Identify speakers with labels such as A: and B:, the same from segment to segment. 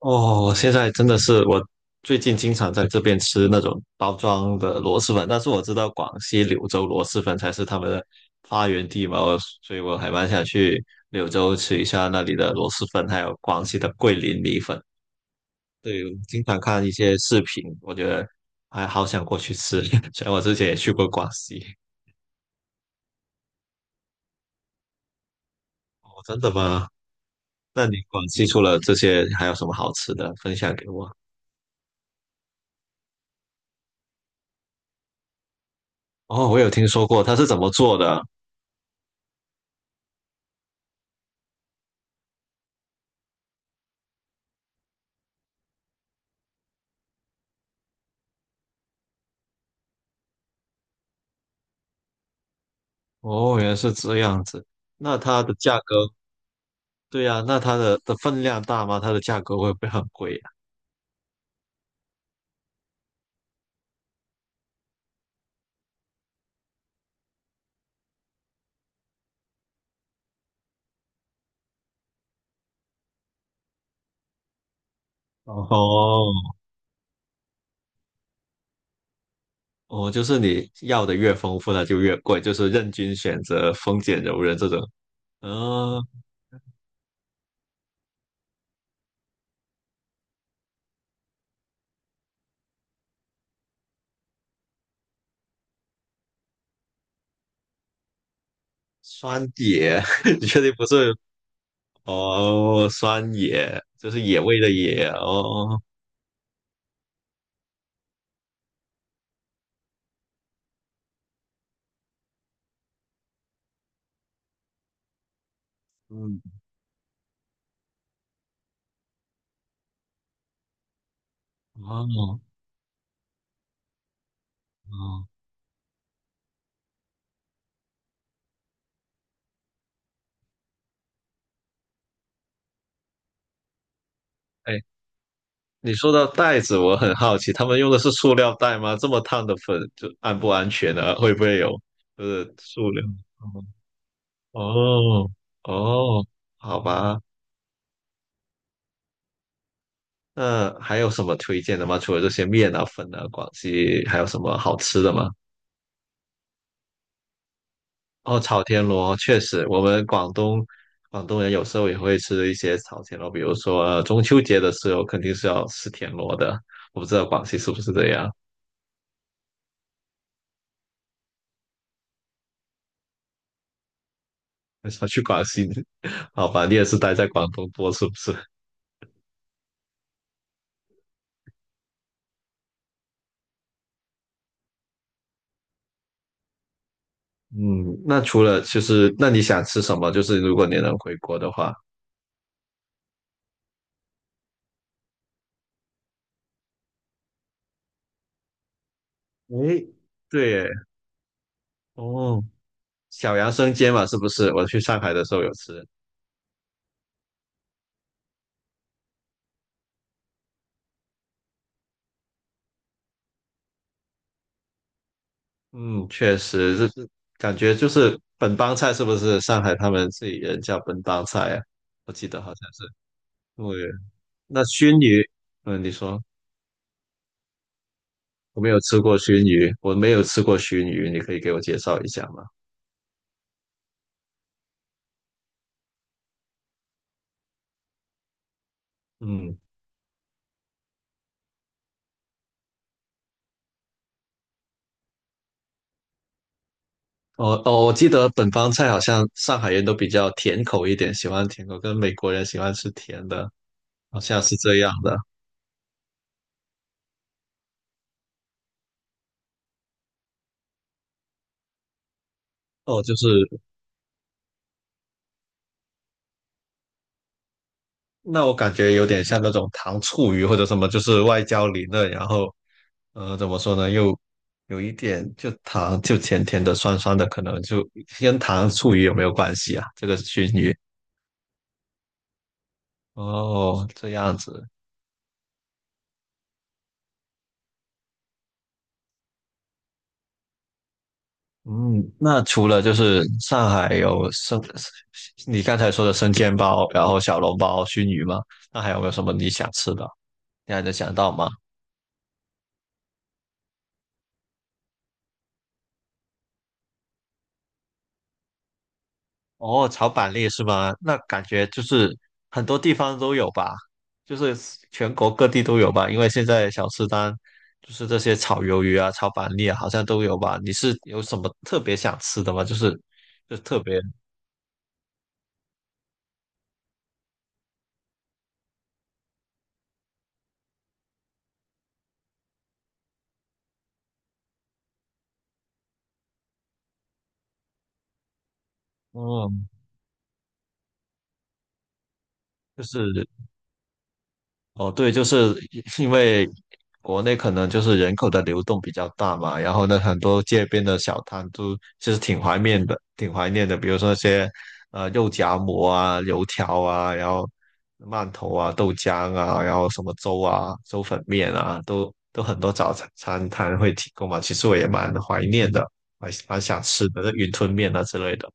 A: 哦，现在真的是最近经常在这边吃那种包装的螺蛳粉，但是我知道广西柳州螺蛳粉才是他们的发源地嘛，所以我还蛮想去柳州吃一下那里的螺蛳粉，还有广西的桂林米粉。对，我经常看一些视频，我觉得还好想过去吃。虽然我之前也去过广西，哦，真的吗？那你广西除了这些还有什么好吃的分享给我？哦，我有听说过，它是怎么做的啊？哦，原来是这样子。那它的价格，对呀，那它的分量大吗？它的价格会不会很贵呀？哦哦，就是你要的越丰富，它就越贵，就是任君选择，丰俭由人这种。嗯，酸野，你确定不是？哦，酸野就是野味的野。哦，嗯，哦哦，哎。你说到袋子，我很好奇，他们用的是塑料袋吗？这么烫的粉，就安不安全呢？会不会有就是塑料？哦哦，好吧。那还有什么推荐的吗？除了这些面啊、粉啊，广西还有什么好吃的吗？哦，炒田螺，确实，我们广东人有时候也会吃一些炒田螺，比如说，中秋节的时候肯定是要吃田螺的。我不知道广西是不是这样。很少去广西，好吧？你也是待在广东多，是不是？嗯，那除了就是，那你想吃什么？就是如果你能回国的话，诶，对耶。哦，小杨生煎嘛，是不是？我去上海的时候有吃，嗯，确实就是感觉就是本帮菜，是不是？上海他们自己人叫本帮菜啊，我记得好像是。对，那熏鱼，嗯，你说我没有吃过熏鱼，我没有吃过熏鱼，你可以给我介绍一下吗？嗯。哦哦，我记得本帮菜好像上海人都比较甜口一点，喜欢甜口，跟美国人喜欢吃甜的，好像是这样的。哦，就是那我感觉有点像那种糖醋鱼或者什么，就是外焦里嫩，然后呃怎么说呢，又有一点就糖就甜甜的、酸酸的，可能就跟糖醋鱼有没有关系啊？这个熏鱼哦，这样子。嗯，那除了就是上海有生，你刚才说的生煎包，然后小笼包、熏鱼吗？那还有没有什么你想吃的？你还能想到吗？哦，炒板栗是吗？那感觉就是很多地方都有吧，就是全国各地都有吧。因为现在小吃摊就是这些炒鱿鱼啊、炒板栗啊，好像都有吧。你是有什么特别想吃的吗？就是就特别，嗯，就是。哦，对，就是因为国内可能就是人口的流动比较大嘛，然后呢，很多街边的小摊都其实挺怀念的，挺怀念的，比如说那些肉夹馍啊、油条啊，然后馒头啊、豆浆啊，然后什么粥啊、粥粉面啊，都很多早餐摊会提供嘛。其实我也蛮怀念的，蛮想吃的，那云吞面啊之类的。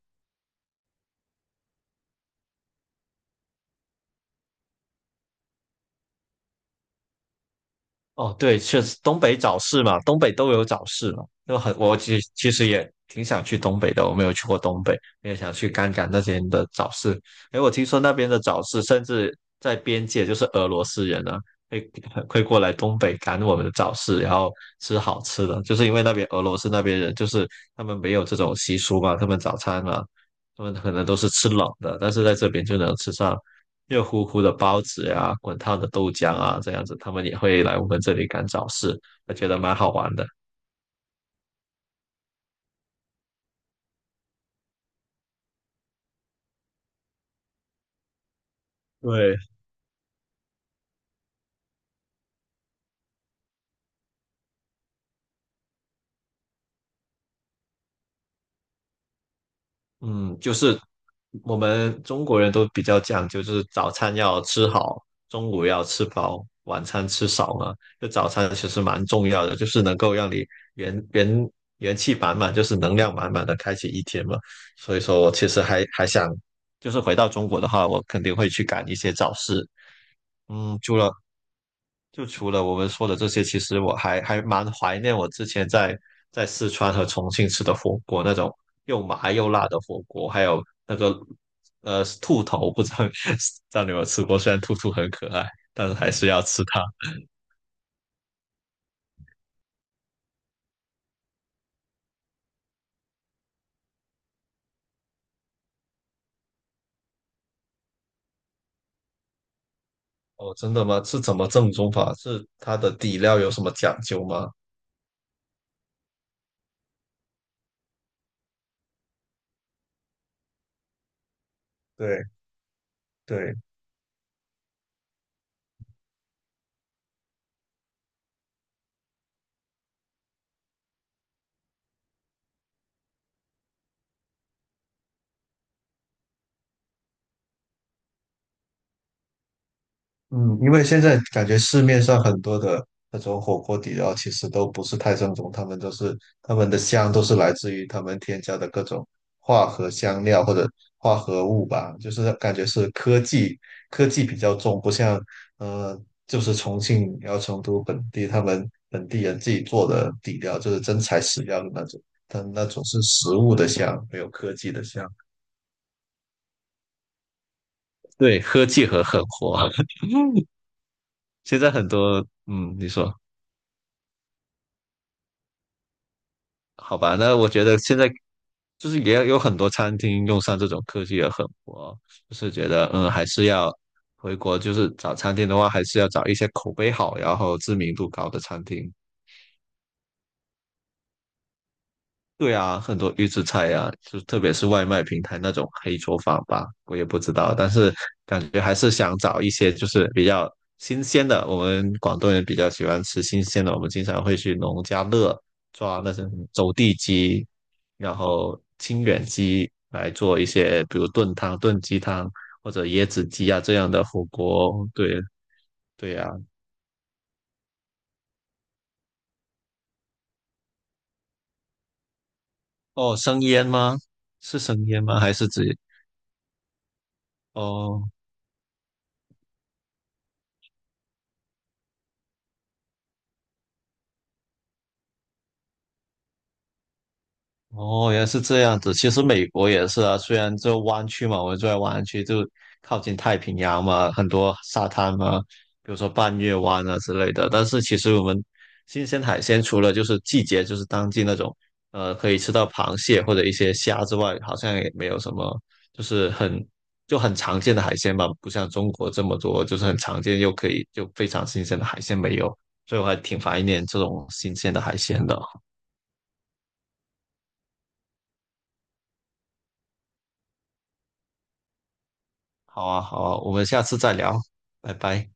A: 哦，对，确实东北早市嘛，东北都有早市嘛，就很我其实也挺想去东北的，我没有去过东北，也想去看看那边的早市。哎，我听说那边的早市，甚至在边界，就是俄罗斯人呢，会会过来东北赶我们的早市，然后吃好吃的，就是因为那边俄罗斯那边人，就是他们没有这种习俗嘛，他们早餐嘛，他们可能都是吃冷的，但是在这边就能吃上热乎乎的包子呀、滚烫的豆浆啊，这样子，他们也会来我们这里赶早市，我觉得蛮好玩的。对，嗯，就是我们中国人都比较讲究，就是早餐要吃好，中午要吃饱，晚餐吃少嘛。就早餐其实蛮重要的，就是能够让你元元元气满满，就是能量满满的开启一天嘛。所以说我其实还想，就是回到中国的话，我肯定会去赶一些早市。嗯，除了就除了我们说的这些，其实我还蛮怀念我之前在四川和重庆吃的火锅，那种又麻又辣的火锅，还有那个兔头，不知道 知道你有没有吃过？虽然兔兔很可爱，但是还是要吃它。哦，真的吗？是怎么正宗法？是它的底料有什么讲究吗？对对，嗯，因为现在感觉市面上很多的那种火锅底料其实都不是太正宗，他们都是他们的香都是来自于他们添加的各种化合香料或者化合物吧，就是感觉是科技比较重，不像呃就是重庆然后成都本地他们本地人自己做的底料，就是真材实料的那种，但那种是食物的香，没有科技的香。对，科技和狠活，现在很多，嗯，你说。好吧，那我觉得现在就是也有很多餐厅用上这种科技也很火，就是觉得嗯，还是要回国，就是找餐厅的话，还是要找一些口碑好，然后知名度高的餐厅。对啊，很多预制菜啊，就特别是外卖平台那种黑厨房吧，我也不知道，但是感觉还是想找一些就是比较新鲜的。我们广东人比较喜欢吃新鲜的，我们经常会去农家乐抓那些走地鸡，然后清远鸡来做一些，比如炖汤、炖鸡汤或者椰子鸡啊这样的火锅。对，对呀，啊，哦，生腌吗？是生腌吗？还是只哦？哦，原来是这样子。其实美国也是啊，虽然这湾区嘛，我们住在湾区，就靠近太平洋嘛，很多沙滩嘛，比如说半月湾啊之类的。但是其实我们新鲜海鲜除了就是季节，就是当季那种，呃，可以吃到螃蟹或者一些虾之外，好像也没有什么，就是就很常见的海鲜吧，不像中国这么多，就是很常见又可以就非常新鲜的海鲜没有，所以我还挺怀念这种新鲜的海鲜的。好啊，好啊，我们下次再聊，拜拜。